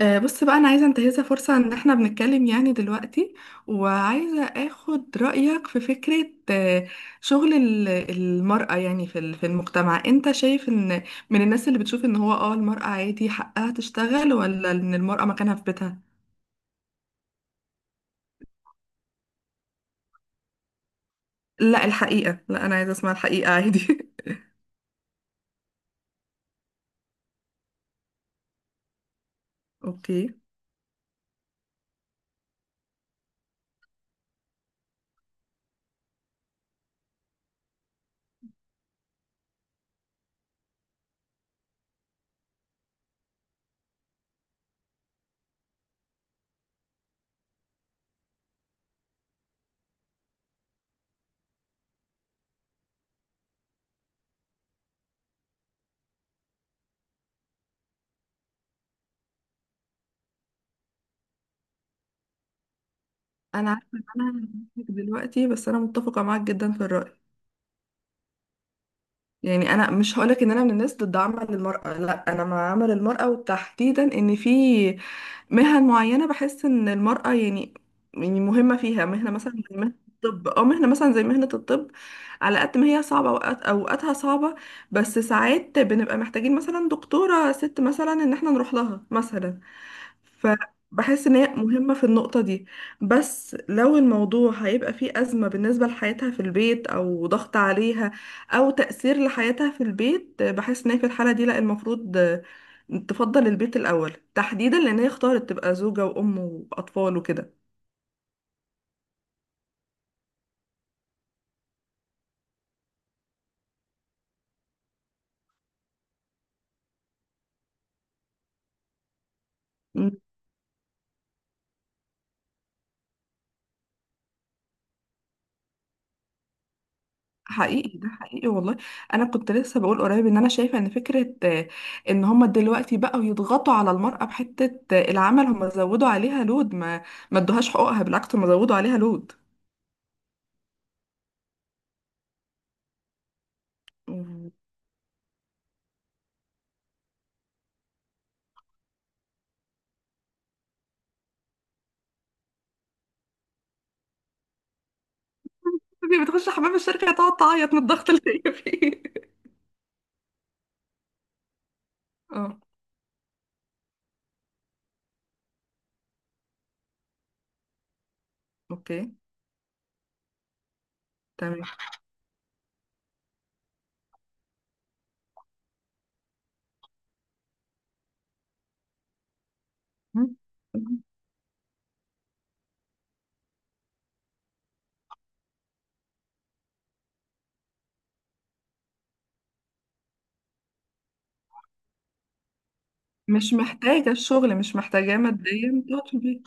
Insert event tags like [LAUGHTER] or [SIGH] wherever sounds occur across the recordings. بص بقى انا عايزه انتهزها فرصه ان احنا بنتكلم يعني دلوقتي، وعايزه اخد رايك في فكره. شغل المراه يعني في المجتمع، انت شايف ان من الناس اللي بتشوف ان هو المراه عادي حقها تشتغل، ولا ان المراه مكانها في بيتها؟ لا الحقيقه، لا انا عايزه اسمع الحقيقه عادي. [LAUGHS] اوكي. انا عارفه ان انا هضحك دلوقتي، بس انا متفقه معاك جدا في الراي. يعني انا مش هقولك ان انا من الناس ضد عمل المرأة، لا انا مع عمل المرأة، وتحديدا ان في مهن معينة بحس ان المرأة يعني مهمة فيها. مهنة مثلا زي مهنة الطب، على قد ما هي صعبة، اوقاتها صعبة، بس ساعات بنبقى محتاجين مثلا دكتورة ست مثلا ان احنا نروح لها مثلا. فبحس ان هي مهمة في النقطة دي. بس لو الموضوع هيبقى فيه أزمة بالنسبة لحياتها في البيت، او ضغط عليها، او تأثير لحياتها في البيت، بحس ان هي في الحالة دي لا، المفروض تفضل البيت الأول، تحديدا لان هي اختارت تبقى زوجة وأم وأطفال وكده. مم. حقيقي، ده حقيقي والله. انا كنت لسه بقول قريب ان انا شايفه ان فكره، ان هما دلوقتي بقوا يضغطوا على المراه بحته. العمل هما زودوا عليها لود، ما ادوهاش حقوقها، بالعكس هما زودوا عليها لود. مم. دي بتخش حمام الشركة تقعد تعيط من الضغط اللي هي فيه. اه، اوكي، تمام. مم. مش محتاجة الشغل، مش محتاجاه ماديا، تقعد في البيت.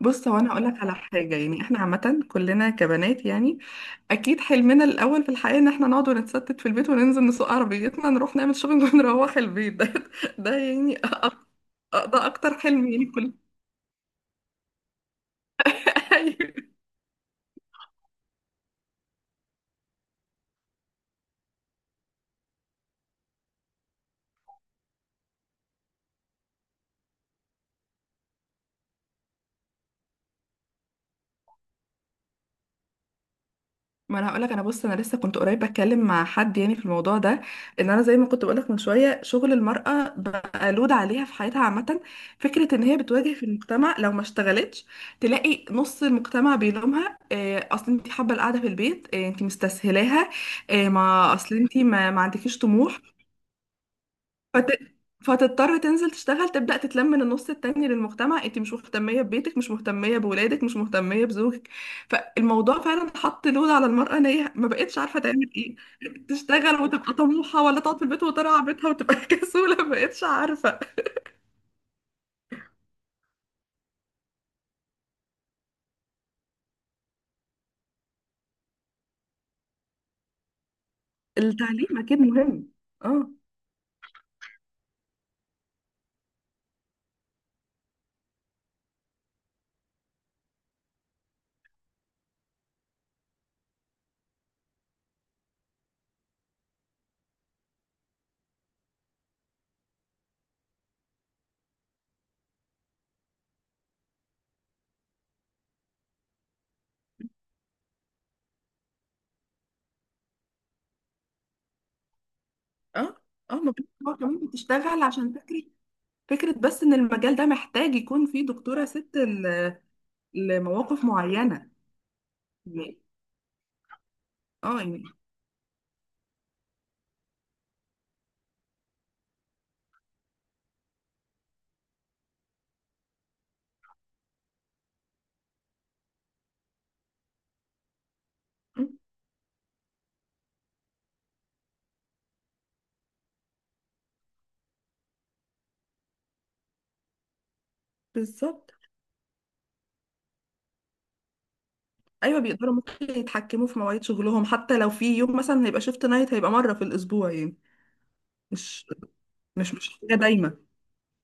بص هو أنا هقولك على حاجة، يعني احنا عامة كلنا كبنات يعني، أكيد حلمنا الأول في الحياة إن احنا نقعد ونتستت في البيت وننزل نسوق عربيتنا، نروح نعمل شوبينج ونروح البيت. [LAUGHS] ده يعني، ده أكتر حلم يعني كل. [LAUGHS] ما انا هقولك انا، بص انا لسه كنت قريب بتكلم مع حد يعني في الموضوع ده، ان انا زي ما كنت بقولك من شويه شغل المراه بقى لود عليها في حياتها عامه. فكره ان هي بتواجه في المجتمع لو ما اشتغلتش، تلاقي نص المجتمع بيلومها إيه، اصل انت حابه القعده في البيت، إيه انت مستسهلاها، إيه، ما اصل انت ما عندكيش طموح. فت... فتضطر تنزل تشتغل، تبدأ تتلم من النص التاني للمجتمع، انت مش مهتمية ببيتك، مش مهتمية بولادك، مش مهتمية بزوجك. فالموضوع فعلا حط لود على المرأة، ان هي ما بقتش عارفة تعمل ايه، تشتغل وتبقى طموحة، ولا تقعد في البيت وترعى بيتها وتبقى [LAUGHS] كسولة، ما بقتش عارفة. التعليم اكيد مهم. اه، اه، اه. ما بقتش، هو كمان بتشتغل عشان فكرة، فكرة بس ان المجال ده محتاج يكون فيه دكتورة ست لمواقف معينة. اه يعني. بالظبط. ايوه، بيقدروا، ممكن يتحكموا في مواعيد شغلهم، حتى لو في يوم مثلا هيبقى شيفت نايت، هيبقى مره في الاسبوع يعني، مش مش حاجه دايما.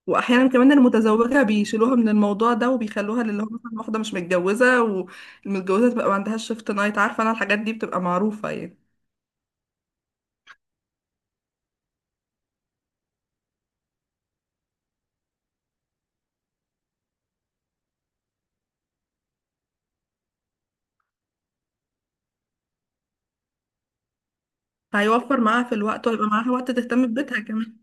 واحيانا كمان المتزوجه بيشيلوها من الموضوع ده، وبيخلوها للي هو مثلا واحده مش متجوزه، والمتجوزه تبقى ما عندهاش شيفت نايت. عارفه، انا الحاجات دي بتبقى معروفه يعني. هيوفر معاها في الوقت، ويبقى معاها وقت تهتم ببيتها كمان.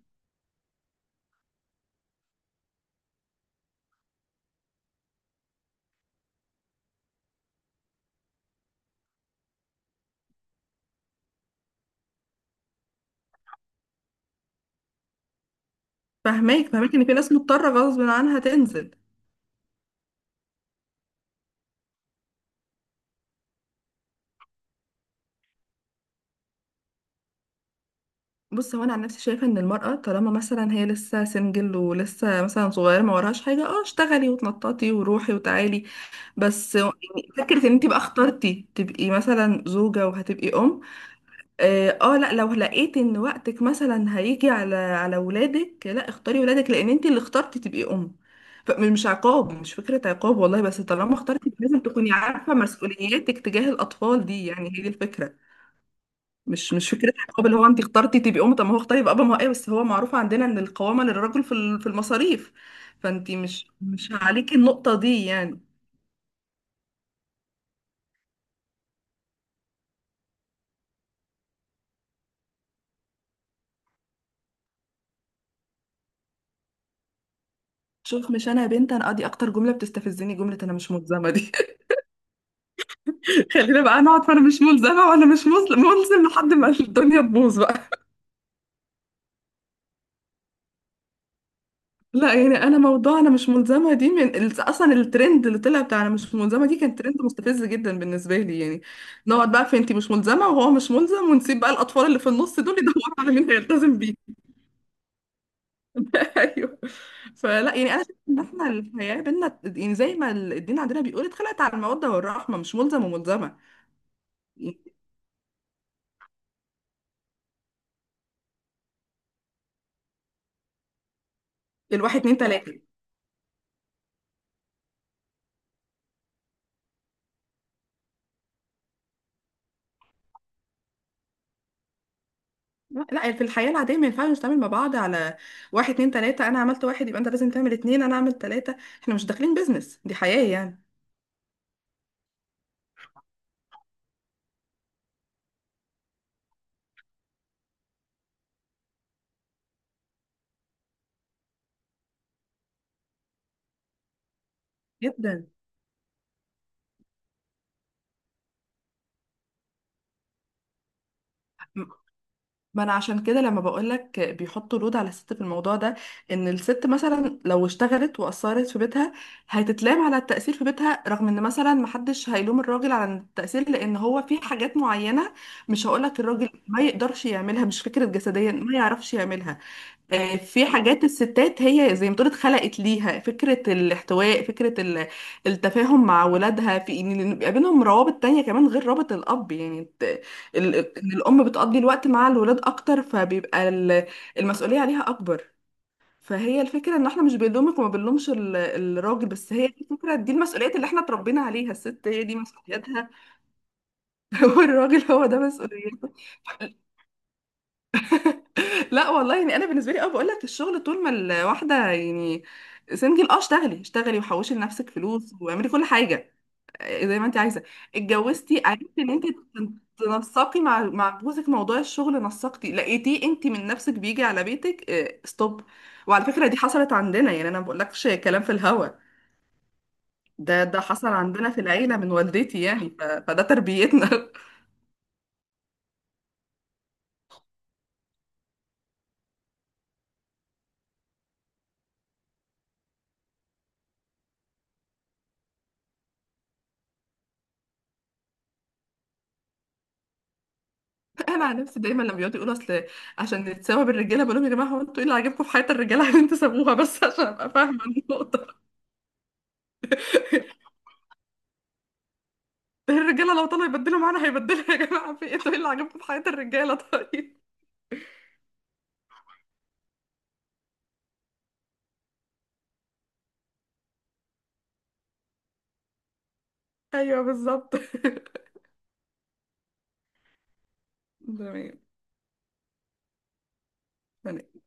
فهماك، فهماك ان في ناس مضطره غصب عنها تنزل. بص هو انا عن نفسي شايفه ان المراه طالما مثلا هي لسه سنجل، ولسه مثلا صغيره ما وراهاش حاجه، اه اشتغلي وتنططي وروحي وتعالي، بس يعني فكره ان انت بقى اخترتي تبقي مثلا زوجه وهتبقي ام، اه. لا، لو لقيتي ان وقتك مثلا هيجي على ولادك، لا اختاري ولادك، لان انت اللي اخترتي تبقي ام. فمش عقاب، مش فكره عقاب والله، بس طالما اخترتي لازم تكوني عارفه مسؤولياتك تجاه الاطفال دي، يعني هي دي الفكره. مش فكره حجاب اللي هو انت اخترتي تبقي ام، طب ما هو اختار يبقى اب، ما هو ايه، بس هو معروف عندنا ان القوامه للرجل في في المصاريف، فانت مش عليكي النقطه دي يعني. شوف، مش انا يا بنت، انا ادي اكتر جمله بتستفزني جمله «انا مش ملزمه» دي. [LAUGHS] خلينا بقى نقعد، فانا مش ملزمه وانا مش ملزم، ملزم لحد ما الدنيا تبوظ بقى. لا يعني انا موضوع «انا مش ملزمه» دي من اصلا الترند اللي طلع بتاع «انا مش ملزمه» دي كان ترند مستفز جدا بالنسبه لي يعني. نقعد بقى في «انت مش ملزمه وهو مش ملزم»، ونسيب بقى الاطفال اللي في النص دول يدوروا على مين هيلتزم بيه. [LAUGHS] ايوه. فلا يعني انا شايفه ان احنا الحياه بينا، يعني زي ما الدين عندنا بيقول، اتخلقت على الموده والرحمه، مش ملزم وملزمه يعني، الواحد اتنين تلاته. لا لا، يعني في الحياه العاديه ما ينفعش نتعامل مع بعض على واحد اتنين تلاته، انا عملت واحد يبقى انت لازم تعمل اتنين، انا عملت تلاته. احنا مش داخلين بيزنس، دي حياه يعني. جدا. ما انا عشان كده لما بقولك بيحطوا لود على الست في الموضوع ده، ان الست مثلا لو اشتغلت وقصرت في بيتها هتتلام على التأثير في بيتها، رغم ان مثلا محدش هيلوم الراجل على التأثير، لان هو في حاجات معينة مش هقولك الراجل ما يقدرش يعملها، مش فكرة جسديا ما يعرفش يعملها. في حاجات الستات هي زي ما تقول اتخلقت ليها، فكرة الاحتواء، فكرة التفاهم مع ولادها، في ان يبقى بينهم روابط تانية كمان غير رابط الأب يعني، ان الأم بتقضي الوقت مع الولاد أكتر، فبيبقى المسؤولية عليها أكبر. فهي الفكرة ان احنا مش بنلومك، وما بنلومش الراجل، بس هي الفكرة دي، المسؤوليات اللي احنا اتربينا عليها الست هي دي مسؤولياتها، [LAUGHS] والراجل هو ده مسؤوليته. لا والله، يعني انا بالنسبه لي اه بقول لك الشغل طول ما الواحده يعني سنجل، اه اشتغلي اشتغلي، وحوشي لنفسك فلوس واعملي كل حاجه زي ما انت عايزه. اتجوزتي، عرفتي ان انت تنسقي مع جوزك موضوع الشغل، نسقتي لقيتيه انت من نفسك بيجي على بيتك، اه ستوب. وعلى فكره دي حصلت عندنا، يعني انا ما بقولكش كلام في الهوا، ده ده حصل عندنا في العيله من والدتي يعني، فده تربيتنا. انا عن نفسي دايما لما بيقعدوا يقولوا اصل عشان نتساوى بالرجاله، بقول لهم يا جماعه هو انتوا ايه اللي عاجبكم في حياه الرجاله عشان تسابوها بس؟ [LAUGHS] عشان ابقى فاهمه النقطه. [LAUGHS] الرجاله لو طلعوا يبدلوا معانا هيبدلوا، يا جماعه في ايه، انتوا ايه اللي عاجبكم في حياه الرجاله؟ طيب. ايوه بالظبط. [LAUGHS] تمام. يعني.